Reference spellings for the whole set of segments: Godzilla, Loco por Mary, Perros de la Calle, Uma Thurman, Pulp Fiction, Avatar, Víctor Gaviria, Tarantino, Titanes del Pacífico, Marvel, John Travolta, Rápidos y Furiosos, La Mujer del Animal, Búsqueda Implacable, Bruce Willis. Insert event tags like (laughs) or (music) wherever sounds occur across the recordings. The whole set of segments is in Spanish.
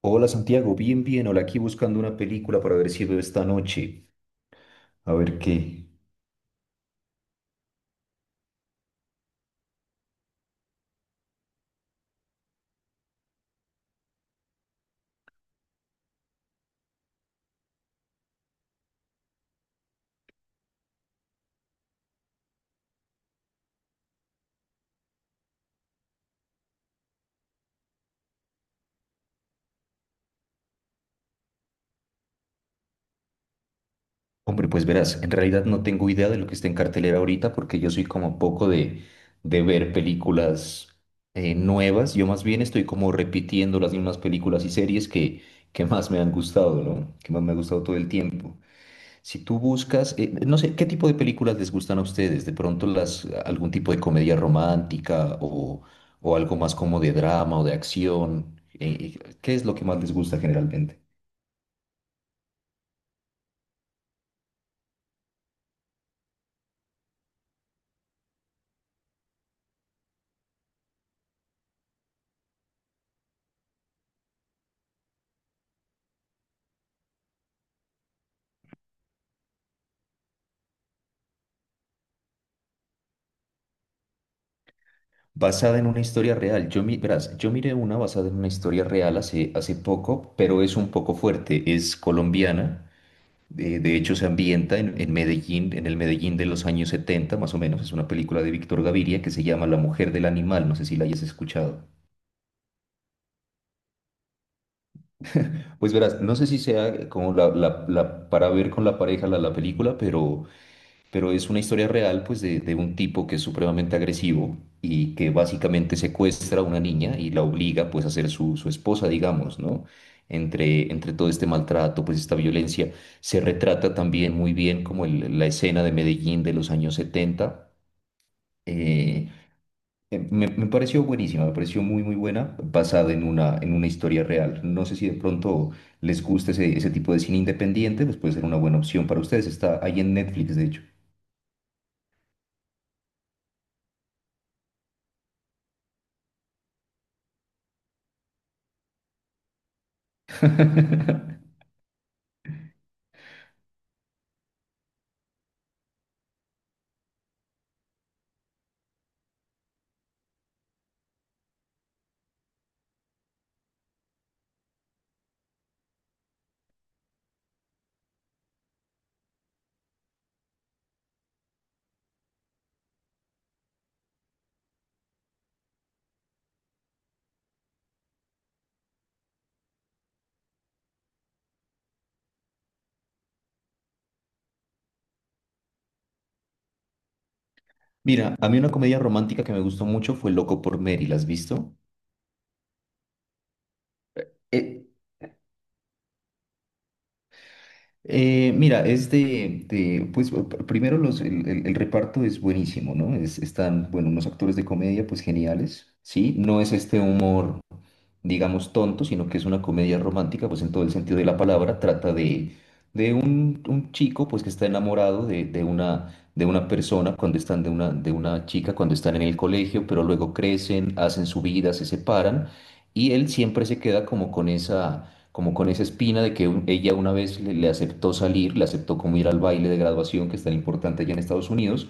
Hola Santiago, bien, bien. Hola, aquí buscando una película para ver si veo esta noche. A ver qué. Hombre, pues verás, en realidad no tengo idea de lo que está en cartelera ahorita porque yo soy como poco de ver películas nuevas. Yo más bien estoy como repitiendo las mismas películas y series que más me han gustado, ¿no? Que más me ha gustado todo el tiempo. Si tú buscas, no sé, ¿qué tipo de películas les gustan a ustedes? ¿De pronto las, algún tipo de comedia romántica o algo más como de drama o de acción? ¿Qué es lo que más les gusta generalmente? Basada en una historia real. Yo, verás, yo miré una basada en una historia real hace, hace poco, pero es un poco fuerte. Es colombiana. De hecho, se ambienta en Medellín, en el Medellín de los años 70, más o menos. Es una película de Víctor Gaviria que se llama La Mujer del Animal. No sé si la hayas escuchado. Pues verás, no sé si sea como la para ver con la pareja la, la película, pero es una historia real pues de un tipo que es supremamente agresivo y que básicamente secuestra a una niña y la obliga pues a ser su, su esposa, digamos, ¿no? Entre, entre todo este maltrato, pues esta violencia, se retrata también muy bien como la escena de Medellín de los años 70. eh, Me, me pareció buenísima, me pareció muy, muy buena, basada en una historia real. No sé si de pronto les gusta ese, ese tipo de cine independiente, pues puede ser una buena opción para ustedes. Está ahí en Netflix, de hecho. Mira, a mí una comedia romántica que me gustó mucho fue Loco por Mary, ¿la has visto? Eh, mira, es de, pues primero los, el, el reparto es buenísimo, ¿no? Están, bueno, unos actores de comedia pues geniales, ¿sí? No es este humor, digamos, tonto, sino que es una comedia romántica, pues en todo el sentido de la palabra, trata de un chico pues que está enamorado de una persona cuando están de una chica, cuando están en el colegio, pero luego crecen, hacen su vida, se separan y él siempre se queda como con esa espina de que ella una vez le, le aceptó salir, le aceptó como ir al baile de graduación, que es tan importante allá en Estados Unidos,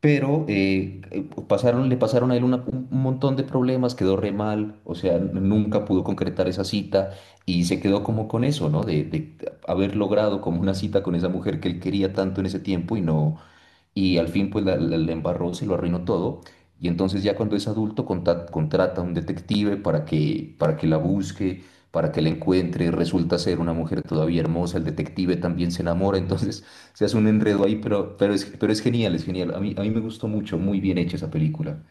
pero pasaron, le pasaron a él un montón de problemas, quedó re mal, o sea, nunca pudo concretar esa cita y se quedó como con eso, ¿no? De haber logrado como una cita con esa mujer que él quería tanto en ese tiempo y no, y al fin pues la la embarró, se lo arruinó todo. Y entonces ya cuando es adulto contrata a un detective para que la busque, para que la encuentre, resulta ser una mujer todavía hermosa, el detective también se enamora, entonces se hace un enredo ahí, pero es genial, es genial. A mí me gustó mucho, muy bien hecha esa película.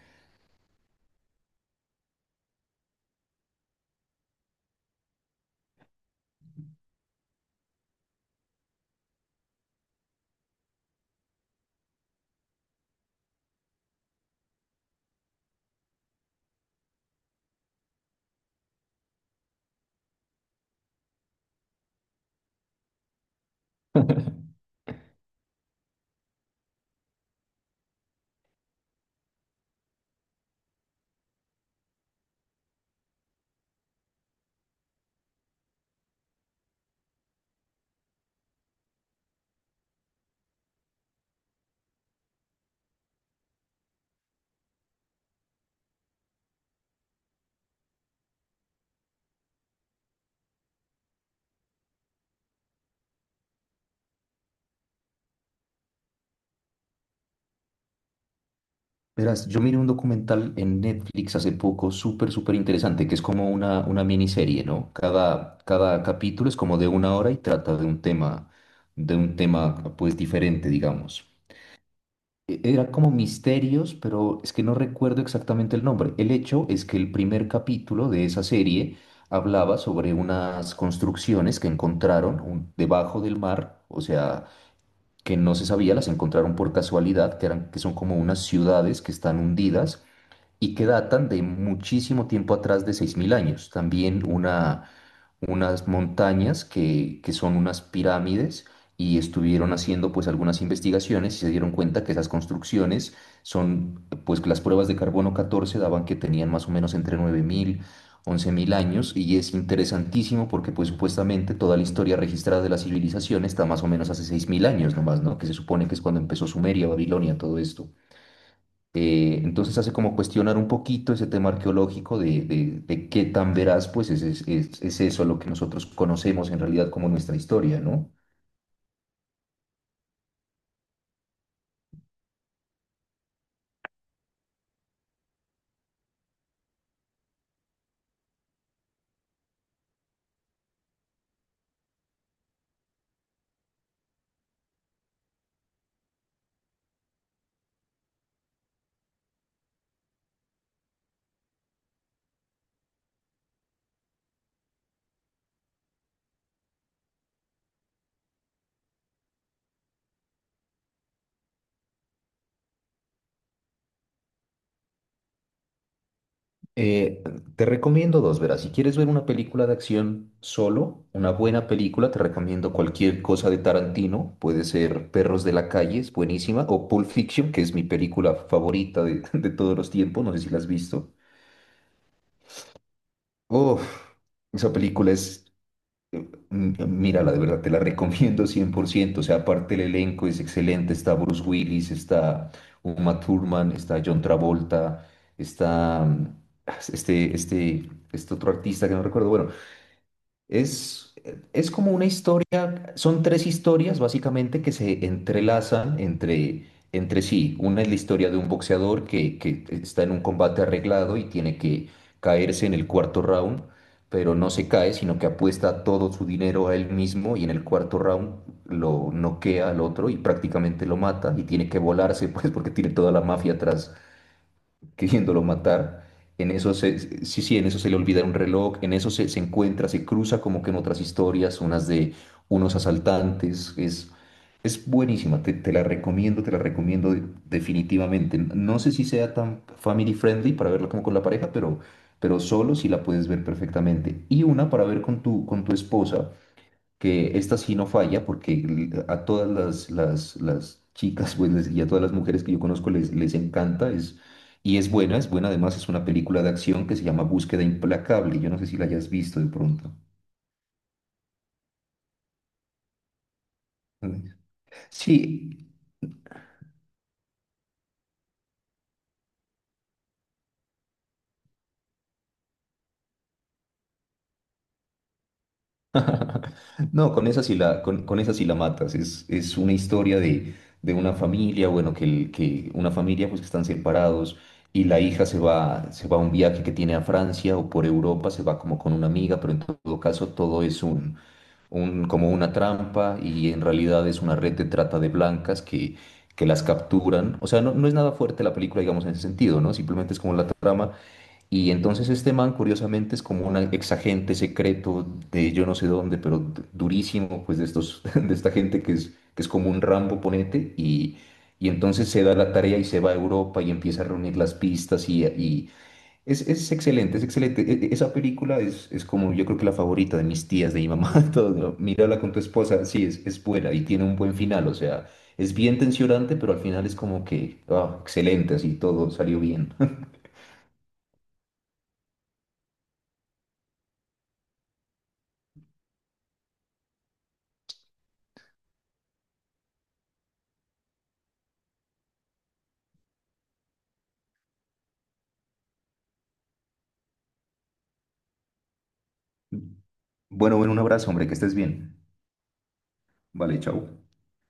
Verás, yo miré un documental en Netflix hace poco, súper, súper interesante, que es como una miniserie, ¿no? Cada, cada capítulo es como de una hora y trata de un tema, pues, diferente, digamos. Era como misterios, pero es que no recuerdo exactamente el nombre. El hecho es que el primer capítulo de esa serie hablaba sobre unas construcciones que encontraron debajo del mar, o sea, que no se sabía, las encontraron por casualidad, que eran, que son como unas ciudades que están hundidas y que datan de muchísimo tiempo atrás de 6000 años. También una, unas montañas que son unas pirámides y estuvieron haciendo pues algunas investigaciones y se dieron cuenta que esas construcciones son, pues que las pruebas de carbono 14 daban que tenían más o menos entre 9000 11000 años y es interesantísimo porque pues supuestamente toda la historia registrada de la civilización está más o menos hace 6000 años nomás, ¿no? Que se supone que es cuando empezó Sumeria, Babilonia, todo esto. Entonces hace como cuestionar un poquito ese tema arqueológico de, de qué tan veraz pues es, es eso lo que nosotros conocemos en realidad como nuestra historia, ¿no? Eh, te recomiendo dos, verás, si quieres ver una película de acción solo, una buena película, te recomiendo cualquier cosa de Tarantino, puede ser Perros de la Calle, es buenísima, o Pulp Fiction, que es mi película favorita de, (laughs) de todos los tiempos, no sé si la has visto. Uf, esa película es Mm, Mírala, de verdad, te la recomiendo 100%. O sea, aparte el elenco es excelente. Está Bruce Willis, está Uma Thurman, está John Travolta, está este otro artista que no recuerdo. Bueno, es, es como una historia, son tres historias básicamente que se entrelazan entre, entre sí. Una es la historia de un boxeador que está en un combate arreglado y tiene que caerse en el cuarto round, pero no se cae, sino que apuesta todo su dinero a él mismo y en el cuarto round lo noquea al otro y prácticamente lo mata y tiene que volarse, (laughs) pues porque tiene toda la mafia atrás queriéndolo matar. En eso se, sí, sí, en eso se le olvida un reloj, en eso se, se encuentra, se cruza como que en otras historias, unas de unos asaltantes. Es buenísima, te, te la recomiendo definitivamente. No sé si sea tan family friendly para verla como con la pareja, pero solo si la puedes ver perfectamente. Y una para ver con tu esposa que esta sí no falla, porque a todas las chicas pues, y a todas las mujeres que yo conozco les, les encanta, es, y es buena además, es una película de acción que se llama Búsqueda Implacable, yo no sé si la hayas visto de pronto. Sí, (laughs) no, con esa sí la, con esa sí la matas, es una historia de una familia, bueno, que, que una familia pues que están separados. Y la hija se va a un viaje que tiene a Francia o por Europa, se va como con una amiga, pero en todo caso todo es un, como una trampa y en realidad es una red de trata de blancas que las capturan. O sea, no, no es nada fuerte la película, digamos, en ese sentido, ¿no? Simplemente es como la trama. Y entonces este man, curiosamente, es como un exagente secreto de yo no sé dónde, pero durísimo, pues de estos, (laughs) de esta gente que es como un Rambo ponente y... Y entonces se da la tarea y se va a Europa y empieza a reunir las pistas y, es excelente, es excelente. Esa película es como yo creo que la favorita de mis tías, de mi mamá, (laughs) de todo. ¿No? Mírala con tu esposa, sí, es buena y tiene un buen final, o sea, es bien tensionante, pero al final es como que, ah, excelente, así todo salió bien. (laughs) Bueno, bueno, un abrazo, hombre, que estés bien. Vale, chao.